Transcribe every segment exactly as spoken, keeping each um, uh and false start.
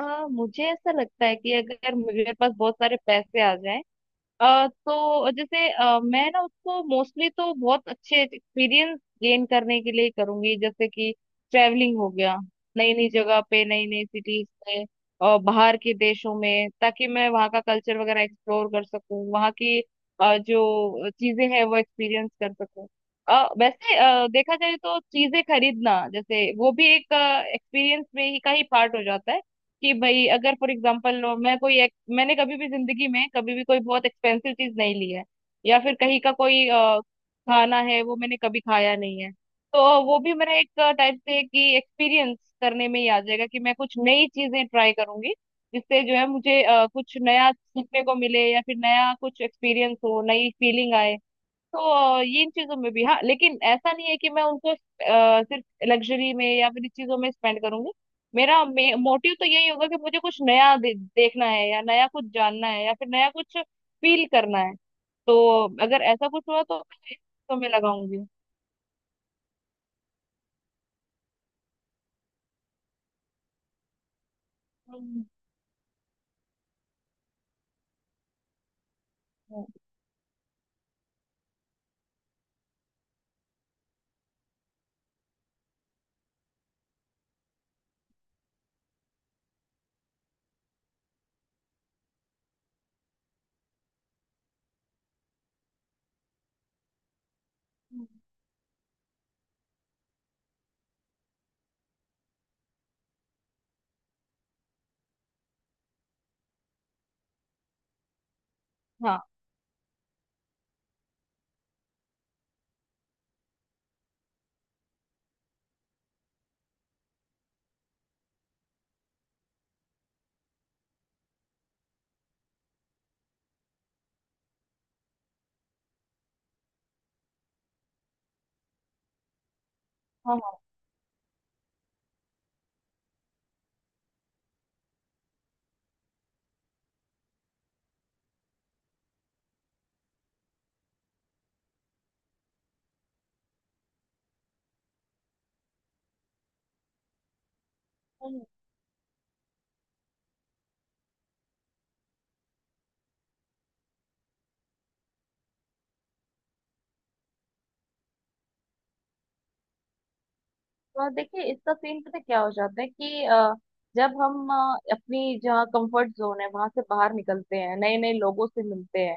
आ, मुझे ऐसा लगता है कि अगर मेरे पास बहुत सारे पैसे आ जाएं आ, तो जैसे आ, मैं ना उसको मोस्टली तो बहुत अच्छे एक्सपीरियंस गेन करने के लिए करूंगी जैसे कि ट्रैवलिंग हो गया। नई नई जगह पे नई नई सिटीज पे और बाहर के देशों में ताकि मैं वहाँ का कल्चर वगैरह एक्सप्लोर कर सकूं वहाँ की आ, जो चीजें हैं वो एक्सपीरियंस कर सकूं। आ, वैसे आ, देखा जाए तो चीजें खरीदना जैसे वो भी एक एक्सपीरियंस में ही का ही पार्ट हो जाता है। कि भाई अगर फॉर एग्जाम्पल लो मैं कोई एक, मैंने कभी भी जिंदगी में कभी भी कोई बहुत एक्सपेंसिव चीज नहीं ली है। या फिर कहीं का कोई अ, खाना है वो मैंने कभी खाया नहीं है। तो वो भी मेरा एक टाइप से कि एक्सपीरियंस करने में ही आ जाएगा कि मैं कुछ नई चीजें ट्राई करूंगी जिससे जो है मुझे अ, कुछ नया सीखने को मिले या फिर नया कुछ एक्सपीरियंस हो नई फीलिंग आए। तो अ, ये इन चीजों में भी हाँ, लेकिन ऐसा नहीं है कि मैं उनको अ, सिर्फ लग्जरी में या फिर इस चीजों में स्पेंड करूंगी। मेरा मोटिव तो यही होगा कि मुझे कुछ नया दे, देखना है या नया कुछ जानना है या फिर नया कुछ फील करना है। तो अगर ऐसा कुछ हुआ तो तो मैं इसको में लगाऊंगी। हम्म, हम्म, हम्म। हाँ, हाँ, हाँ। और देखिए इसका सीन पता क्या हो जाता है कि अ, जब हम अ, अपनी जहाँ कंफर्ट जोन है वहां से बाहर निकलते हैं, नए नए लोगों से मिलते हैं,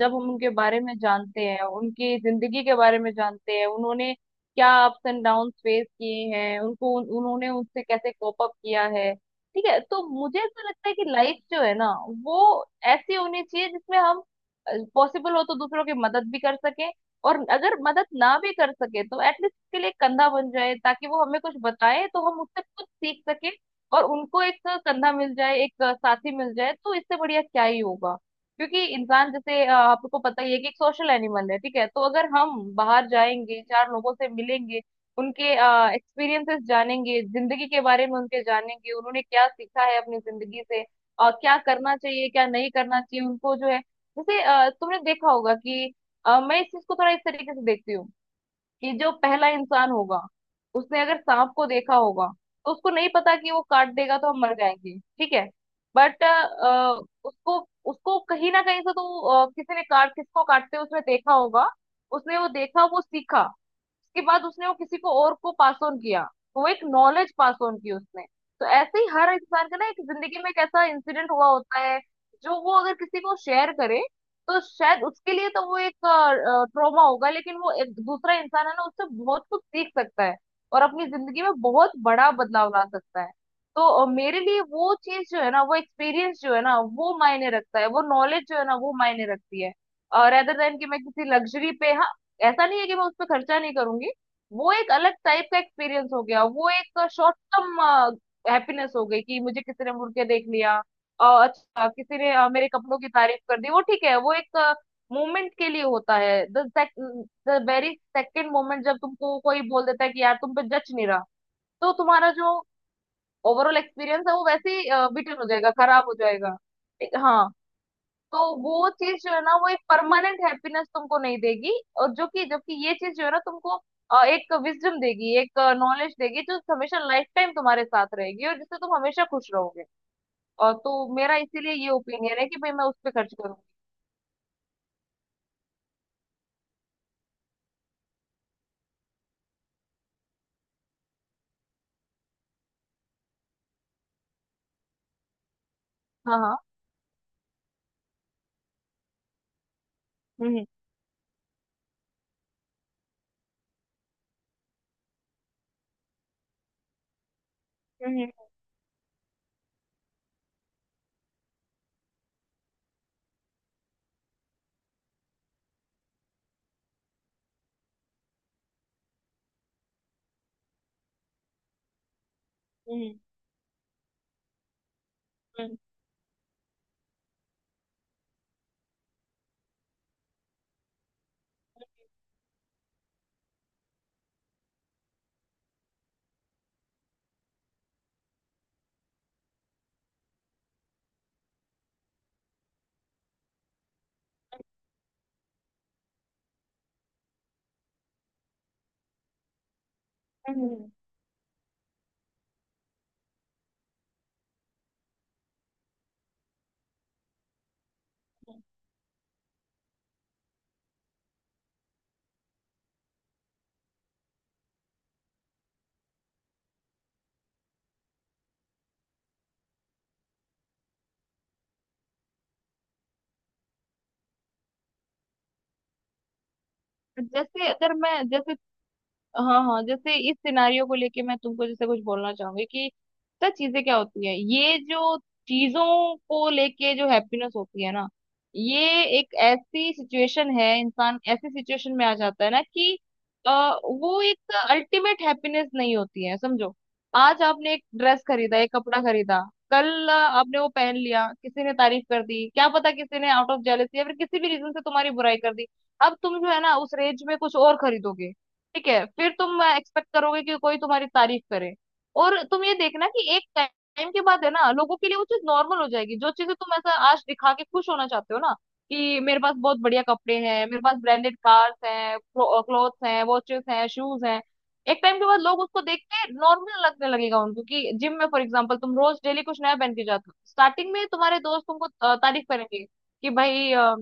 जब हम उनके बारे में जानते हैं, उनकी जिंदगी के बारे में जानते हैं, उन्होंने क्या अप्स एंड डाउन फेस किए हैं उनको, उन, उन्होंने उनसे कैसे कोप अप किया है। ठीक है, तो मुझे ऐसा लगता है कि लाइफ जो है ना वो ऐसी होनी चाहिए जिसमें हम पॉसिबल हो तो दूसरों की मदद भी कर सकें। और अगर मदद ना भी कर सके तो एटलीस्ट के लिए कंधा बन जाए ताकि वो हमें कुछ बताए तो हम उससे कुछ सीख सके। और उनको एक कंधा मिल जाए, एक साथी मिल जाए, तो इससे बढ़िया क्या ही होगा। क्योंकि इंसान जैसे अ, आपको पता ही है कि एक सोशल एनिमल है। ठीक है, तो अगर हम बाहर जाएंगे, चार लोगों से मिलेंगे, उनके एक्सपीरियंसेस जानेंगे, जिंदगी के बारे में उनके जानेंगे, उन्होंने क्या सीखा है अपनी जिंदगी से, अ, क्या करना चाहिए क्या नहीं करना चाहिए उनको जो है। जैसे अ, तुमने देखा होगा कि अ, मैं इस चीज को थोड़ा इस तरीके से देखती हूँ। कि जो पहला इंसान होगा, उसने अगर सांप को देखा होगा, तो उसको नहीं पता कि वो काट देगा तो हम मर जाएंगे। ठीक है। बट उसको उसको कहीं ना कहीं से तो अ, किसी ने काट किसको काटते हुए उसने देखा होगा। उसने वो देखा वो सीखा। उसके बाद उसने वो किसी को और को पास ऑन किया। तो वो एक नॉलेज पास ऑन की उसने। तो ऐसे ही हर इंसान का ना एक जिंदगी में एक ऐसा इंसिडेंट हुआ होता है जो वो अगर किसी को शेयर करे तो शायद उसके लिए तो वो एक ट्रॉमा होगा, लेकिन वो एक दूसरा इंसान है ना उससे बहुत कुछ सीख सकता है और अपनी जिंदगी में बहुत बड़ा बदलाव ला सकता है। तो अ, मेरे लिए वो चीज जो है ना, वो एक्सपीरियंस जो है ना वो मायने रखता है, वो नॉलेज जो है ना वो मायने रखती है, रेदर देन कि मैं किसी लग्जरी पे। हाँ, ऐसा नहीं है कि मैं उस पर खर्चा नहीं करूंगी। वो एक अलग टाइप का एक्सपीरियंस हो गया। वो एक शॉर्ट टर्म हैप्पीनेस हो गई कि मुझे किसी ने मुड़ के देख लिया, और अच्छा किसी ने अ, मेरे कपड़ों की तारीफ कर दी। वो ठीक है, वो एक मोमेंट के लिए होता है। The the very second moment जब तुमको कोई बोल देता है कि यार तुम पे जच नहीं रहा, तो तुम्हारा जो ओवरऑल एक्सपीरियंस है वो वैसे ही बिटन हो जाएगा, खराब हो जाएगा। एक- हाँ। तो वो चीज जो है ना वो एक परमानेंट हैप्पीनेस तुमको नहीं देगी। और जो कि जबकि ये चीज जो है ना तुमको अ, एक विजडम देगी, एक नॉलेज देगी, जो हमेशा लाइफ टाइम तुम्हारे साथ रहेगी और जिससे तुम हमेशा खुश रहोगे। और तो मेरा इसीलिए ये ओपिनियन है कि भाई मैं उस पे खर्च करूंगी। हाँ, हाँ। हम्म, हम्म, हम्म, हम्म, हम्म, हम्म, हम्म, हम्म। जैसे अगर मैं जैसे, हाँ हाँ, जैसे इस सिनारियो को लेके मैं तुमको जैसे कुछ बोलना चाहूंगी कि सर चीजें क्या होती है, ये जो चीजों को लेके जो हैप्पीनेस होती है ना, ये एक ऐसी सिचुएशन है, इंसान ऐसी सिचुएशन में आ जाता है ना कि अ, वो एक अल्टीमेट हैप्पीनेस नहीं होती है समझो। आज आपने एक ड्रेस खरीदा, एक कपड़ा खरीदा, कल अ, आपने वो पहन लिया, किसी ने तारीफ कर दी, क्या पता किसी ने आउट ऑफ जेलसी या फिर किसी भी रीजन से तुम्हारी बुराई कर दी। अब तुम जो है ना उस रेंज में कुछ और खरीदोगे। ठीक है, फिर तुम एक्सपेक्ट करोगे कि कोई तुम्हारी तारीफ करे। और तुम ये देखना कि एक टाइम के बाद है ना लोगों के लिए वो चीज नॉर्मल हो जाएगी, जो चीजें तुम ऐसा आज दिखा के खुश होना चाहते हो ना, कि मेरे पास बहुत बढ़िया कपड़े हैं, मेरे पास ब्रांडेड कार्स हैं, क्लोथ्स हैं, वॉचेस हैं, शूज हैं। एक टाइम के बाद लोग उसको देख के नॉर्मल लगने लगेगा उनको, कि जिम में फॉर एग्जांपल तुम रोज डेली कुछ नया पहन के जाते हो, स्टार्टिंग में तुम्हारे दोस्त तुमको अ, तारीफ करेंगे कि भाई अ,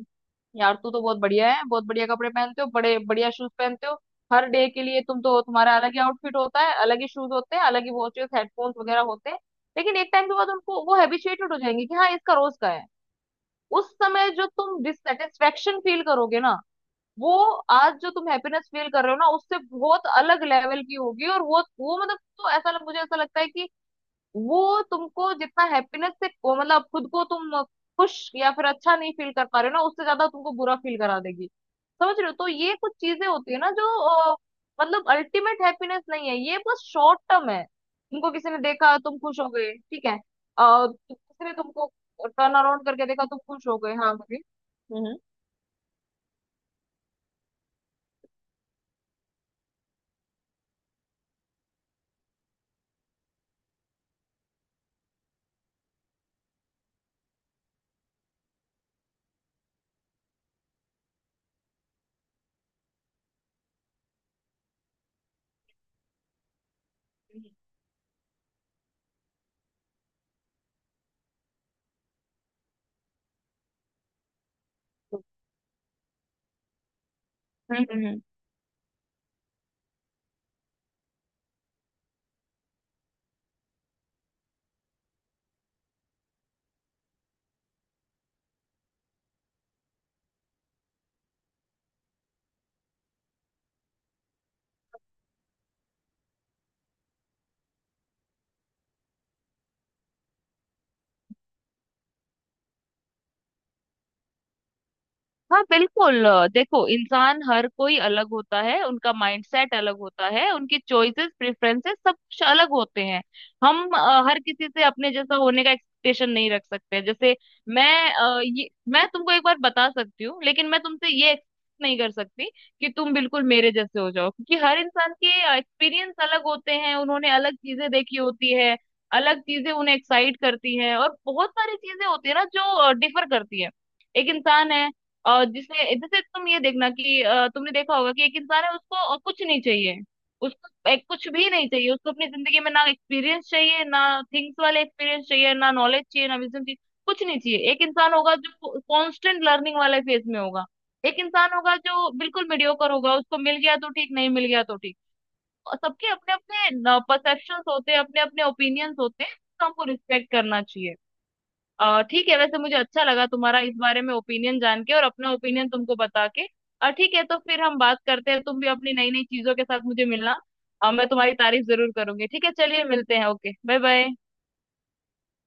यार तू तो बहुत बढ़िया है, बहुत बढ़िया कपड़े पहनते हो, बड़े बढ़िया शूज पहनते हो। हर डे के लिए तुम तो तुम्हारा अलग ही आउटफिट होता है, अलग ही शूज होते हैं, अलग ही वॉचेस हेडफोन्स वगैरह होते हैं। लेकिन एक टाइम के बाद उनको वो हैबिचुएटेड हो जाएंगे कि हाँ इसका रोज का है। उस समय जो तुम डिससेटिस्फेक्शन फील करोगे ना वो आज जो तुम हैप्पीनेस फील कर रहे हो ना उससे बहुत अलग लेवल की होगी, और वो वो मतलब तो ऐसा मुझे ऐसा लगता है कि वो तुमको जितना हैप्पीनेस से वो मतलब खुद को तुम खुश या फिर अच्छा नहीं फील कर पा रहे हो ना उससे ज्यादा तुमको बुरा फील करा देगी। समझ रहे हो, तो ये कुछ चीजें होती है ना जो अ, मतलब अल्टीमेट हैप्पीनेस नहीं है ये, बस शॉर्ट टर्म है। तुमको किसी ने देखा तुम खुश हो गए, ठीक है, और किसी ने तुमको टर्न अराउंड करके देखा तुम खुश हो गए। हाँ बोलिए। हम्म, हम्म, हम्म, हम्म। हाँ बिल्कुल, अ, देखो इंसान हर कोई अलग होता है, उनका माइंडसेट अलग होता है, उनकी चॉइसेस प्रेफरेंसेस सब कुछ अलग होते हैं। हम अ, हर किसी से अपने जैसा होने का एक्सपेक्टेशन नहीं रख सकते, जैसे मैं अ, ये मैं तुमको एक बार बता सकती हूँ लेकिन मैं तुमसे ये एक्सपेक्ट नहीं कर सकती कि तुम बिल्कुल मेरे जैसे हो जाओ, क्योंकि हर इंसान के एक्सपीरियंस अलग होते हैं, उन्होंने अलग चीजें देखी होती है। अलग चीजें उन्हें एक्साइट करती है, और बहुत सारी चीजें होती है ना जो डिफर करती है। एक इंसान है, और जिसने जैसे तुम ये देखना कि अ, तुमने देखा होगा कि एक इंसान है उसको और कुछ नहीं चाहिए। उसको एक कुछ भी नहीं चाहिए, उसको अपनी जिंदगी में ना एक्सपीरियंस चाहिए, ना थिंग्स वाले एक्सपीरियंस चाहिए, ना नॉलेज चाहिए, ना विजन चाहिए, कुछ नहीं चाहिए। एक इंसान होगा जो कांस्टेंट लर्निंग वाले फेज में होगा, एक इंसान होगा जो बिल्कुल मीडियोकर होगा, उसको मिल गया तो ठीक, नहीं मिल गया तो ठीक। और सबके अपने अपने परसेप्शंस होते हैं, अपने अपने ओपिनियंस होते हैं, तो हमको रिस्पेक्ट करना चाहिए। अ, ठीक है, वैसे मुझे अच्छा लगा तुम्हारा इस बारे में ओपिनियन जान के और अपना ओपिनियन तुमको बता के। अ, ठीक है, तो फिर हम बात करते हैं, तुम भी अपनी नई नई चीजों के साथ मुझे मिलना। अ, मैं तुम्हारी तारीफ जरूर करूंगी। ठीक है, चलिए मिलते हैं, ओके बाय बाय।